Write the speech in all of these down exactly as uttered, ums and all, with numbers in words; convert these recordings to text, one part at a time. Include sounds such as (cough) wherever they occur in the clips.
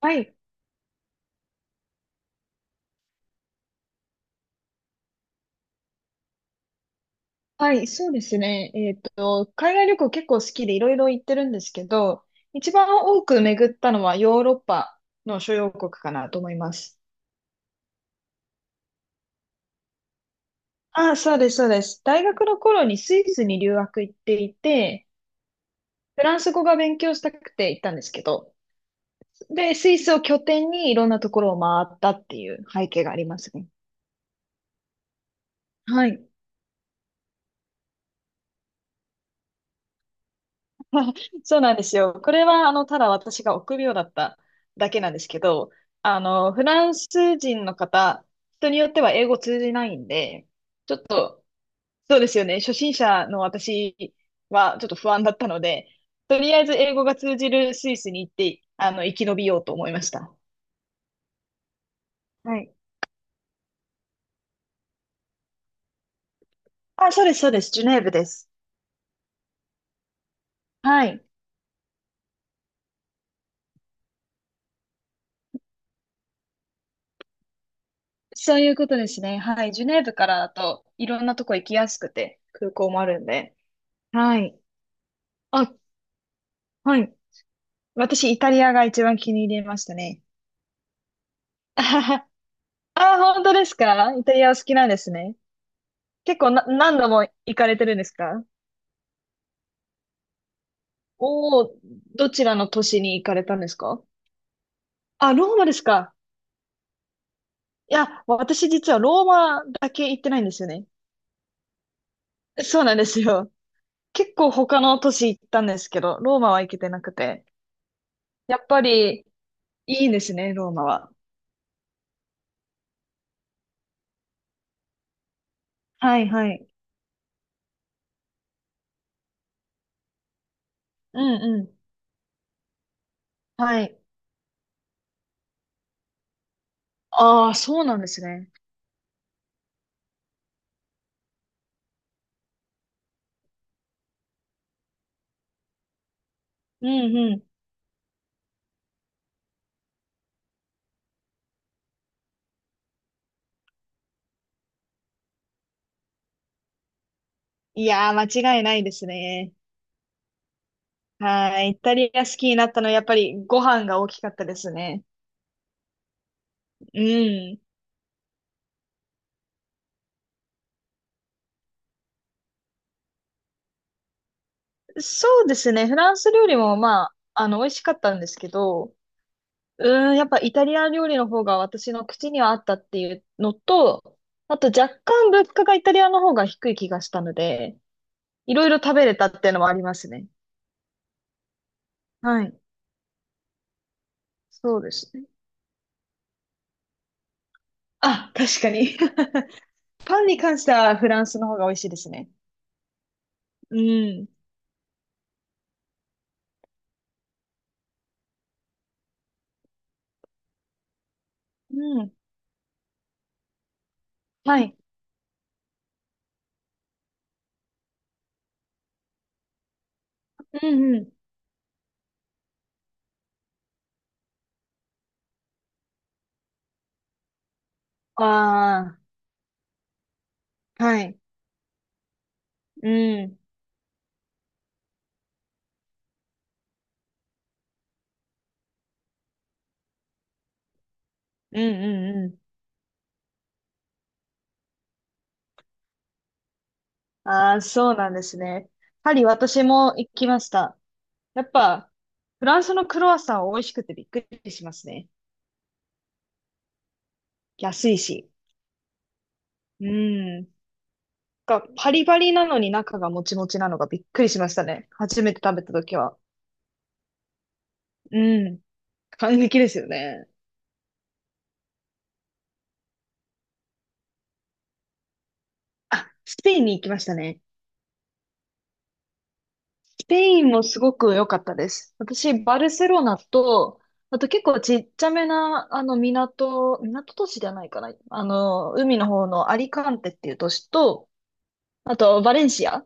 はい。はい。そうですね。えっと、海外旅行結構好きでいろいろ行ってるんですけど、一番多く巡ったのはヨーロッパの諸要国かなと思います。ああ、そうです、そうです。大学の頃にスイスに留学行っていて、フランス語が勉強したくて行ったんですけど、で、スイスを拠点にいろんなところを回ったっていう背景がありますね。はい。(laughs) そうなんですよ。これは、あの、ただ私が臆病だっただけなんですけど、あの、フランス人の方、人によっては英語通じないんで、ちょっと、そうですよね。初心者の私はちょっと不安だったので、とりあえず英語が通じるスイスに行って、あの、生き延びようと思いました。はい。あ、そうです、そうです。ジュネーブです。はい。そういうことですね。はい。ジュネーブからだといろんなとこ行きやすくて、空港もあるんで。はい。あ、はい。私、イタリアが一番気に入りましたね。(laughs) ああ本当ですか？イタリアお好きなんですね。結構な、何度も行かれてるんですか？おおー、どちらの都市に行かれたんですか？あ、ローマですか？いや、私実はローマだけ行ってないんですよね。そうなんですよ。結構他の都市行ったんですけど、ローマは行けてなくて。やっぱり、いいんですね、ローマは。はいはい。うんうん。はい。ああ、そうなんですね。うんうん。いやー、間違いないですね。はい。イタリア好きになったのはやっぱりご飯が大きかったですね。うん。そうですね。フランス料理もまあ、あの、美味しかったんですけど、うーん、やっぱイタリア料理の方が私の口にはあったっていうのと、あと若干物価がイタリアの方が低い気がしたので、いろいろ食べれたっていうのもありますね。はい。そうですね。あ、確かに。(laughs) パンに関してはフランスの方が美味しいですね。うん。うん。はい。うんうん。ああ、はい。うん。うんうんうん。ああ、そうなんですね。パリ、私も行きました。やっぱ、フランスのクロワッサンは美味しくてびっくりしますね。安いし。うん。が、パリパリなのに中がもちもちなのがびっくりしましたね。初めて食べた時は。うん。感激ですよね。あ、スペインに行きましたね。ペインもすごく良かったです。私、バルセロナと、あと結構ちっちゃめな、あの、港、港都市じゃないかな。あの、海の方のアリカンテっていう都市と、あと、バレンシア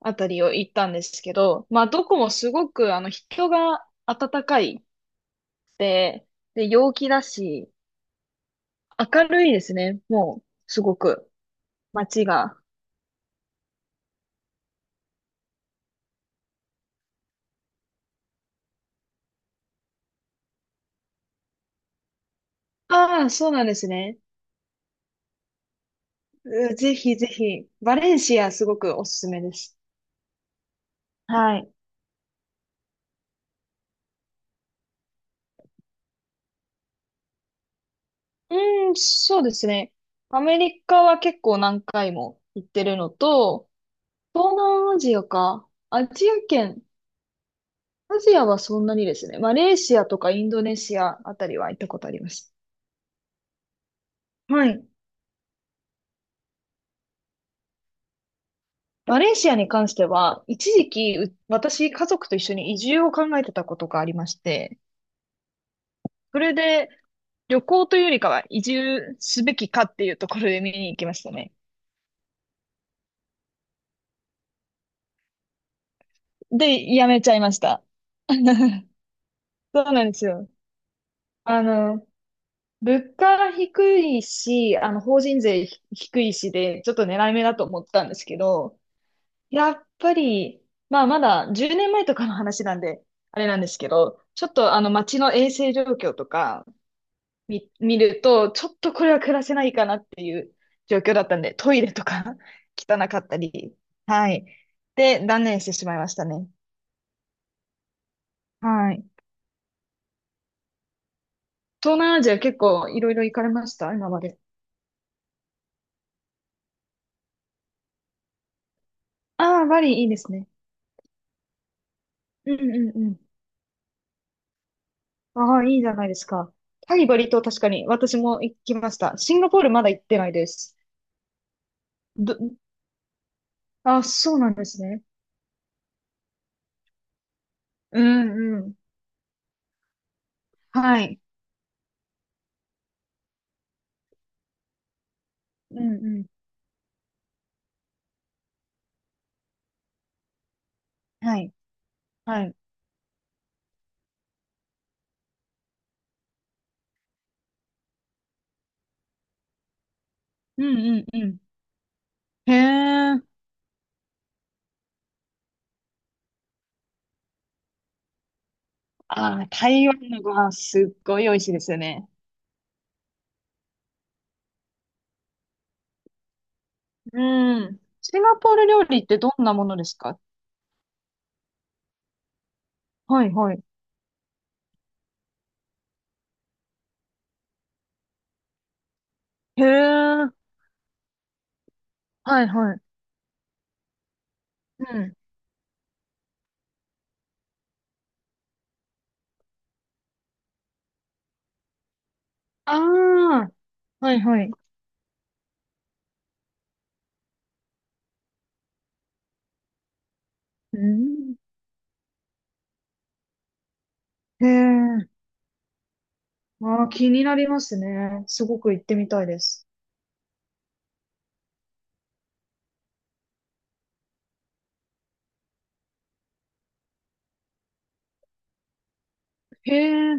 あたりを行ったんですけど、まあ、どこもすごく、あの、人が温かいで、で、陽気だし、明るいですね。もう、すごく、街が。ああ、そうなんですね。うぜひぜひ、バレンシアすごくおすすめです。はい。うーん、そうですね。アメリカは結構何回も行ってるのと、東南アジアか。アジア圏。アジアはそんなにですね。マレーシアとかインドネシアあたりは行ったことあります。はい。マレーシアに関しては、一時期、う私、家族と一緒に移住を考えてたことがありまして、それで、旅行というよりかは移住すべきかっていうところで見に行きましたね。で、やめちゃいました。(laughs) そうなんですよ。あの、物価低いし、あの、法人税ひ低いしで、ちょっと狙い目だと思ったんですけど、やっぱり、まあ、まだじゅうねんまえとかの話なんで、あれなんですけど、ちょっとあの、街の衛生状況とか見、見ると、ちょっとこれは暮らせないかなっていう状況だったんで、トイレとか (laughs) 汚かったり、はい。で、断念してしまいましたね。はい。東南アジア結構いろいろ行かれました今まで。ああ、バリいいですね。うんうんうん。ああ、いいじゃないですか。タイバリ島確かに私も行きました。シンガポールまだ行ってないです。ど、あ、そうなんですね。うんうん。はい。うんうん。はい。はい。うんうんうん。へえ。あー台湾のご飯すっごい美味しいですよね。うん。シンガポール料理ってどんなものですか？はいはい。へえ。はいはい。うん。ああ、はいはい。うん。へえ。ああ、気になりますね。すごく行ってみたいです。へえ。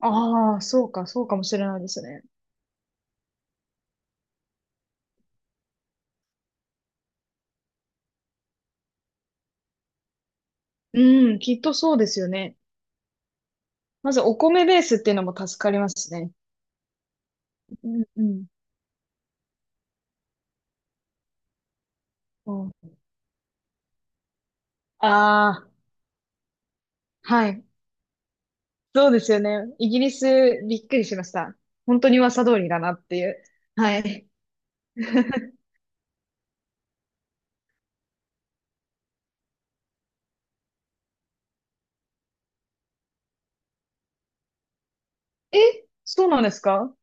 ああ、そうか、そうかもしれないですね。うん、きっとそうですよね。まずお米ベースっていうのも助かりますね。うん、うん。うんああ、はい。そうですよね。イギリス、びっくりしました。本当に噂通りだなっていう。はい。(laughs) え、そうなんですか？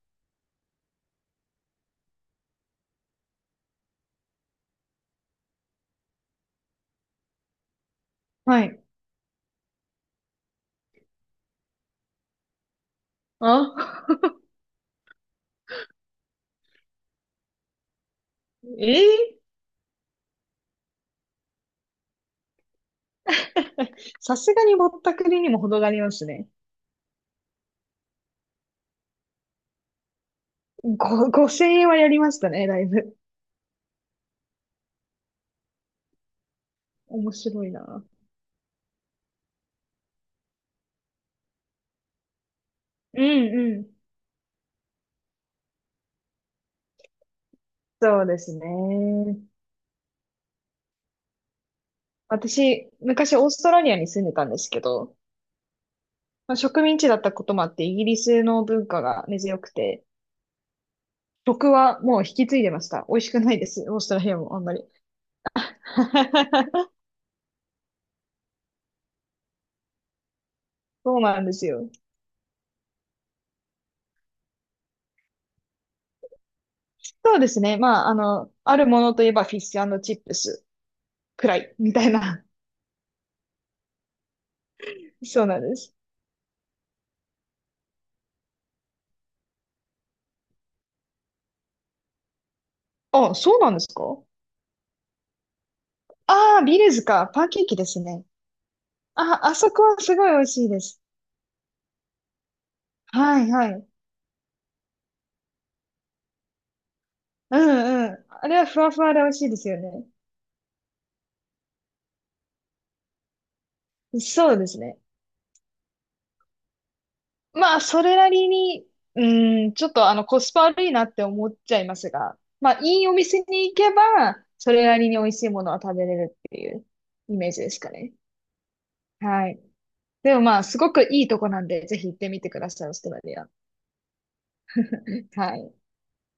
はい。あ、(laughs) えーさすがにぼったくりにも程がありますね。ご、ごせん円はやりましたね、だいぶ。面白いな。うんうん。そうですね。私、昔オーストラリアに住んでたんですけど、まあ、植民地だったこともあってイギリスの文化が根強くて、食はもう引き継いでました。美味しくないです。オーストラリアもあんまり。(laughs) そうなんですよ。そうですね。まあ、あの、あるものといえばフィッシュチップスくらいみたいな。(laughs) そうなんです。あ、そうなんですか？ああー、ビレーズか。パンケーキですね。あ、あそこはすごい美味しいです。はい、はい。うん、うん。あれはふわふわで美味しいですよね。そうですね。まあ、それなりに、うん、ちょっとあの、コスパ悪いなって思っちゃいますが、まあ、いいお店に行けば、それなりに美味しいものは食べれるっていうイメージですかね。はい。でもまあ、すごくいいとこなんで、ぜひ行ってみてください、オーストラリア。はい。